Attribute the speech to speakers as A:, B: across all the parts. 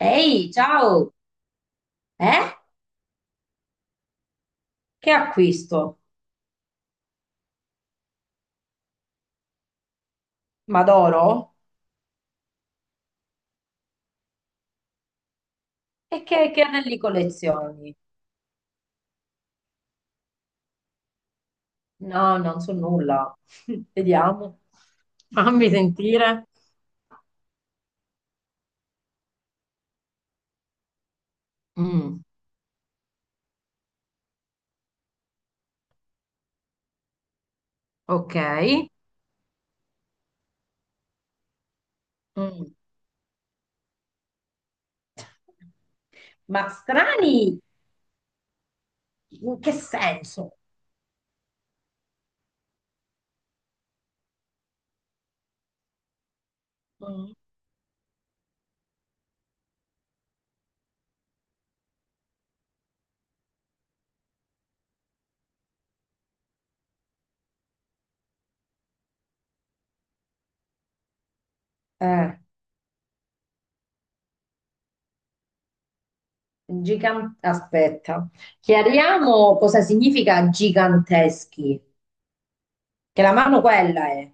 A: Ehi, ciao! Eh? Che acquisto? Madoro? E che anelli collezioni? No, non so nulla. Vediamo. Fammi sentire. Mm, ok. Mm. Ma strani? In che senso? Mm. Eh, aspetta. Chiariamo cosa significa giganteschi. Che la mano quella è.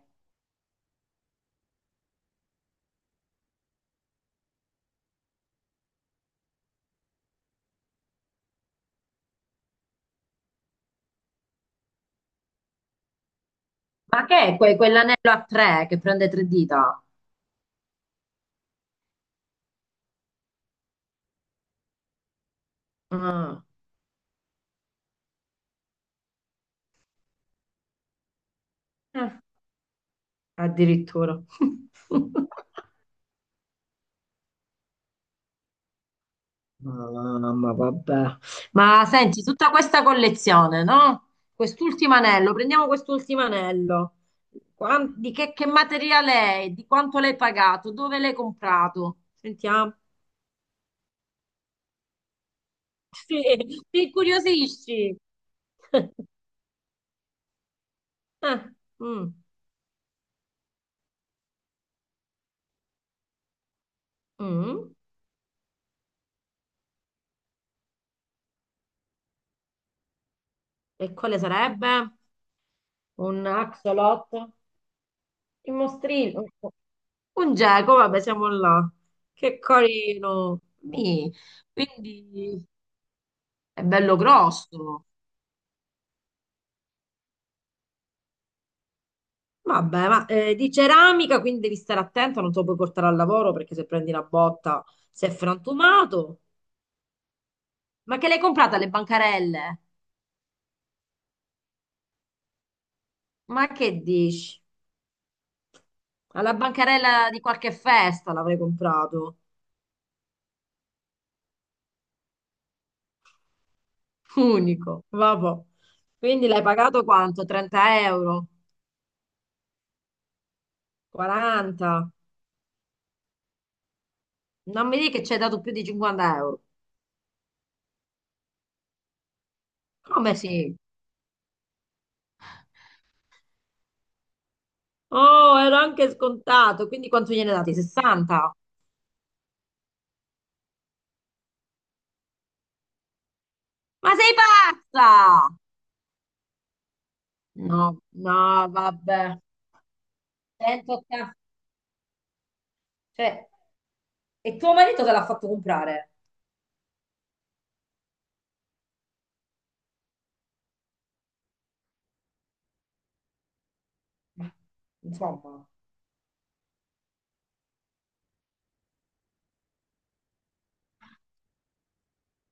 A: Ma che è quell'anello a tre che prende tre dita? Mm. Eh, addirittura. Mamma, vabbè. Ma senti, tutta questa collezione, no? Quest'ultimo anello, prendiamo quest'ultimo anello. Di che materiale è? Di quanto l'hai pagato? Dove l'hai comprato? Sentiamo. Sì, ti incuriosisci. Eh, mm, mm. E quale sarebbe? Un axolot? Il mostrino. Un geco, vabbè, siamo là. Che carino. Quindi è bello grosso. Vabbè, ma di ceramica, quindi devi stare attento, non te lo puoi portare al lavoro perché se prendi una botta sei frantumato. Ma che l'hai comprata alle bancarelle? Ma che dici? Alla bancarella di qualche festa l'avrei comprato. Unico, vabbè. Quindi l'hai pagato quanto? 30 euro? 40? Non mi dici che ci hai dato più di 50 euro. Come sì? Oh, ero anche scontato, quindi quanto gliene date? 60? Ma sei pazza! No, no, vabbè. 180. Cioè, e tuo marito te l'ha fatto comprare? Ma, insomma.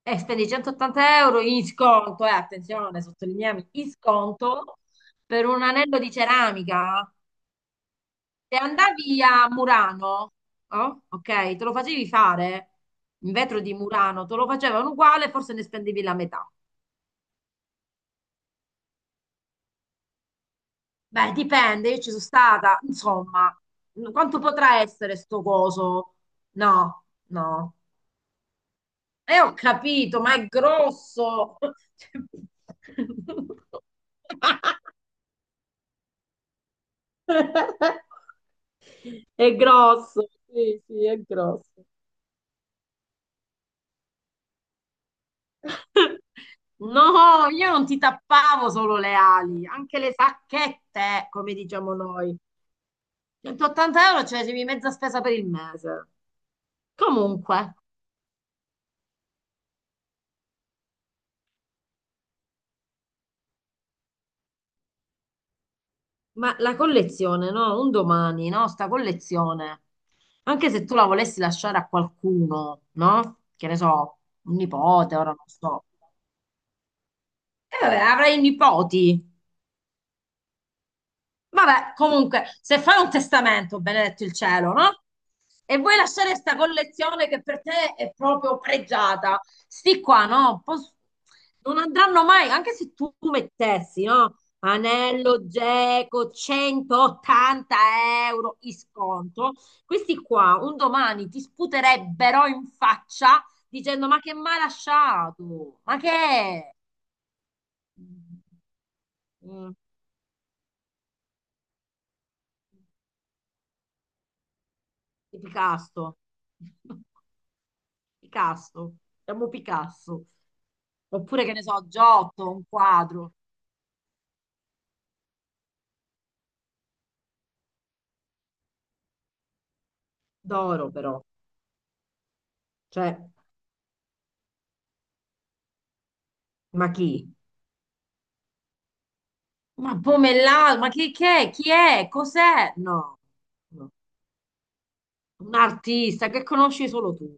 A: E spendi 180 euro in sconto, attenzione, sottolineiamo, in sconto per un anello di ceramica. Se andavi a Murano, oh, ok, te lo facevi fare in vetro di Murano, te lo facevano uguale, forse ne spendevi la metà. Beh, dipende, io ci sono stata, insomma, quanto potrà essere sto coso? No, no. E ho capito, ma è grosso. È grosso, sì, sì, è grosso. No, io non ti tappavo solo le ali, anche le sacchette, come diciamo noi. 180 euro, cioè, c'è mezza spesa per il mese. Comunque. Ma la collezione, no? Un domani, no? Sta collezione. Anche se tu la volessi lasciare a qualcuno, no? Che ne so, un nipote, ora non so. Vabbè, avrai i nipoti. Vabbè, comunque, se fai un testamento, benedetto il cielo, no? E vuoi lasciare questa collezione che per te è proprio pregiata, sti qua, no? Non andranno mai, anche se tu mettessi, no? Anello Geco 180 euro in sconto, questi qua un domani ti sputerebbero in faccia dicendo: Ma che mai lasciato? Ma che è? Mm, di Picasso. Picasso, siamo Picasso. Oppure che ne so, Giotto, un quadro d'oro però. Cioè, ma chi? Ma Pomellato, ma chi, che è? Chi è? Cos'è? No, no. Un artista che conosci solo tu.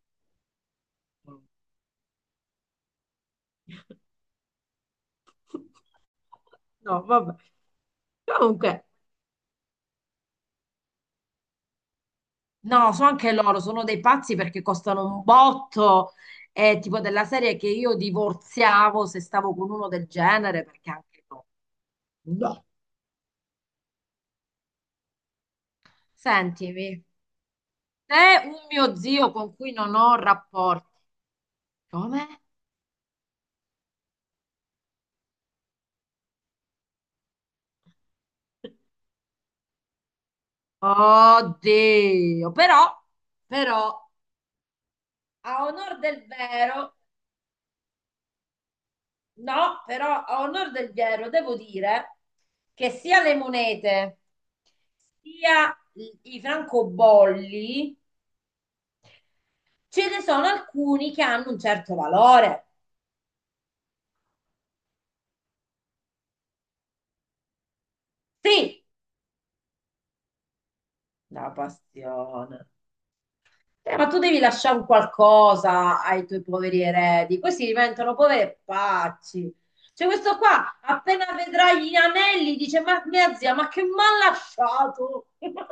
A: No, vabbè. Comunque, no, so anche loro, sono dei pazzi perché costano un botto. È tipo della serie che io divorziavo se stavo con uno del genere, perché anche no. No. Sentimi. C'è un mio zio con cui non ho rapporti. Come? Oddio, però, però, a onor del vero, no, però a onor del vero devo dire che sia le monete, sia i francobolli, ce ne sono alcuni che hanno un certo valore. Sì, la passione. Ma tu devi lasciare un qualcosa ai tuoi poveri eredi, questi diventano poveri pacci. Cioè, questo qua appena vedrà gli anelli dice: Ma mia zia, ma che mi ha lasciato?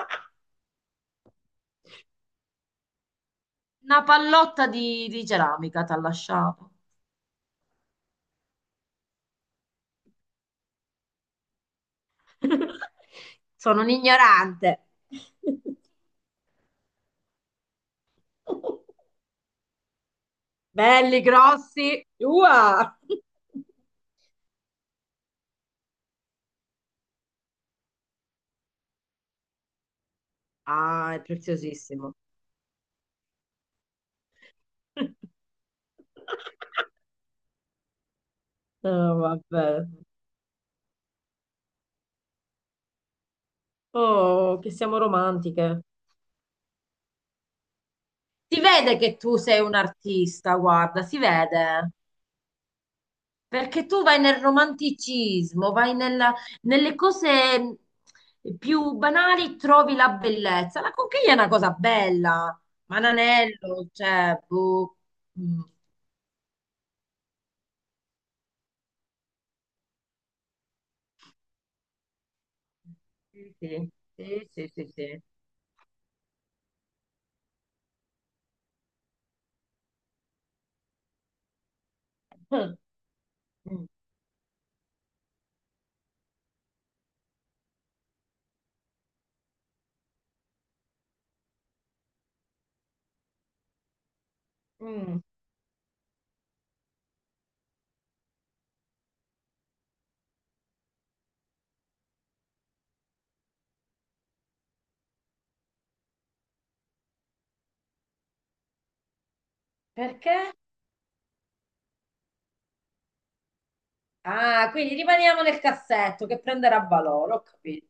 A: Una pallotta di ceramica ti ha lasciato. Sono un ignorante. Belli, grossi. Ua! Ah, è preziosissimo. Oh, vabbè. Oh, che siamo romantiche. Si vede che tu sei un artista, guarda, si vede, perché tu vai nel romanticismo, vai nella- nelle cose più banali, trovi la bellezza. La conchiglia è una cosa bella, ma l'anello, cioè, boh. Mm. Sì, sì, sì, sì, sì, sì. Mm, mm. Mm. Perché? Ah, quindi rimaniamo nel cassetto che prenderà valore, ho capito.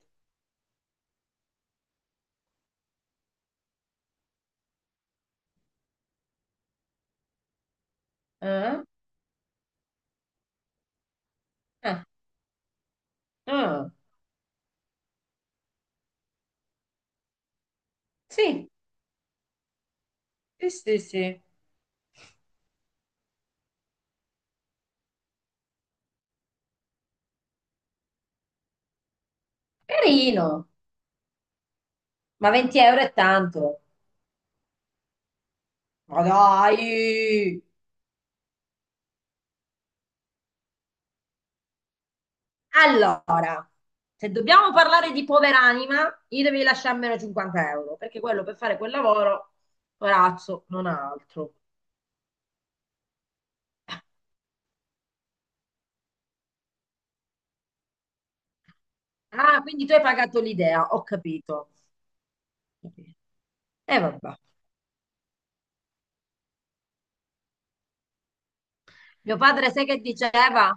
A: Eh? Eh, eh. Sì, sì, sì, sì. Carino, ma 20 euro è tanto. Ma dai! Allora, se dobbiamo parlare di poveranima, gli devi lasciare almeno 50 euro, perché quello per fare quel lavoro, corazzo, non ha altro. Ah, quindi tu hai pagato l'idea, ho capito. E vabbè. Mio padre sai che diceva?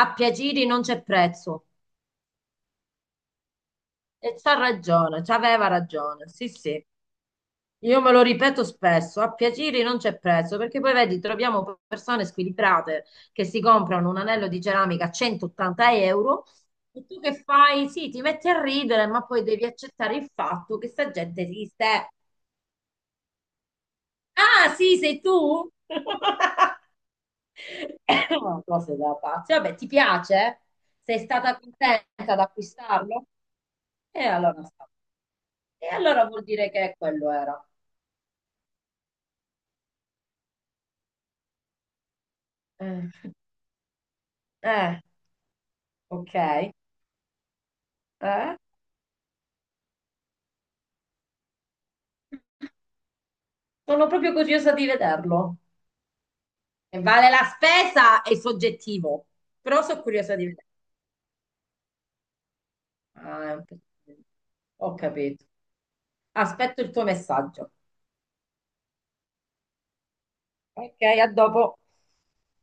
A: A piacere non c'è prezzo. E c'ha ragione, c'aveva ragione. Sì, sì. Io me lo ripeto spesso, a piacere non c'è prezzo, perché poi vedi, troviamo persone squilibrate che si comprano un anello di ceramica a 180 euro e tu che fai? Sì, ti metti a ridere, ma poi devi accettare il fatto che sta gente esiste. Ah, sì, sei tu? Cose da pazzi. Vabbè, ti piace? Sei stata contenta ad acquistarlo? E allora, e allora vuol dire che quello era. Eh, eh, ok. Eh? Sono proprio curiosa di vederlo. E vale la spesa è soggettivo, però sono curiosa di vedere. Ah, è un pezzo. Ho capito. Aspetto il tuo messaggio. Ok, a dopo.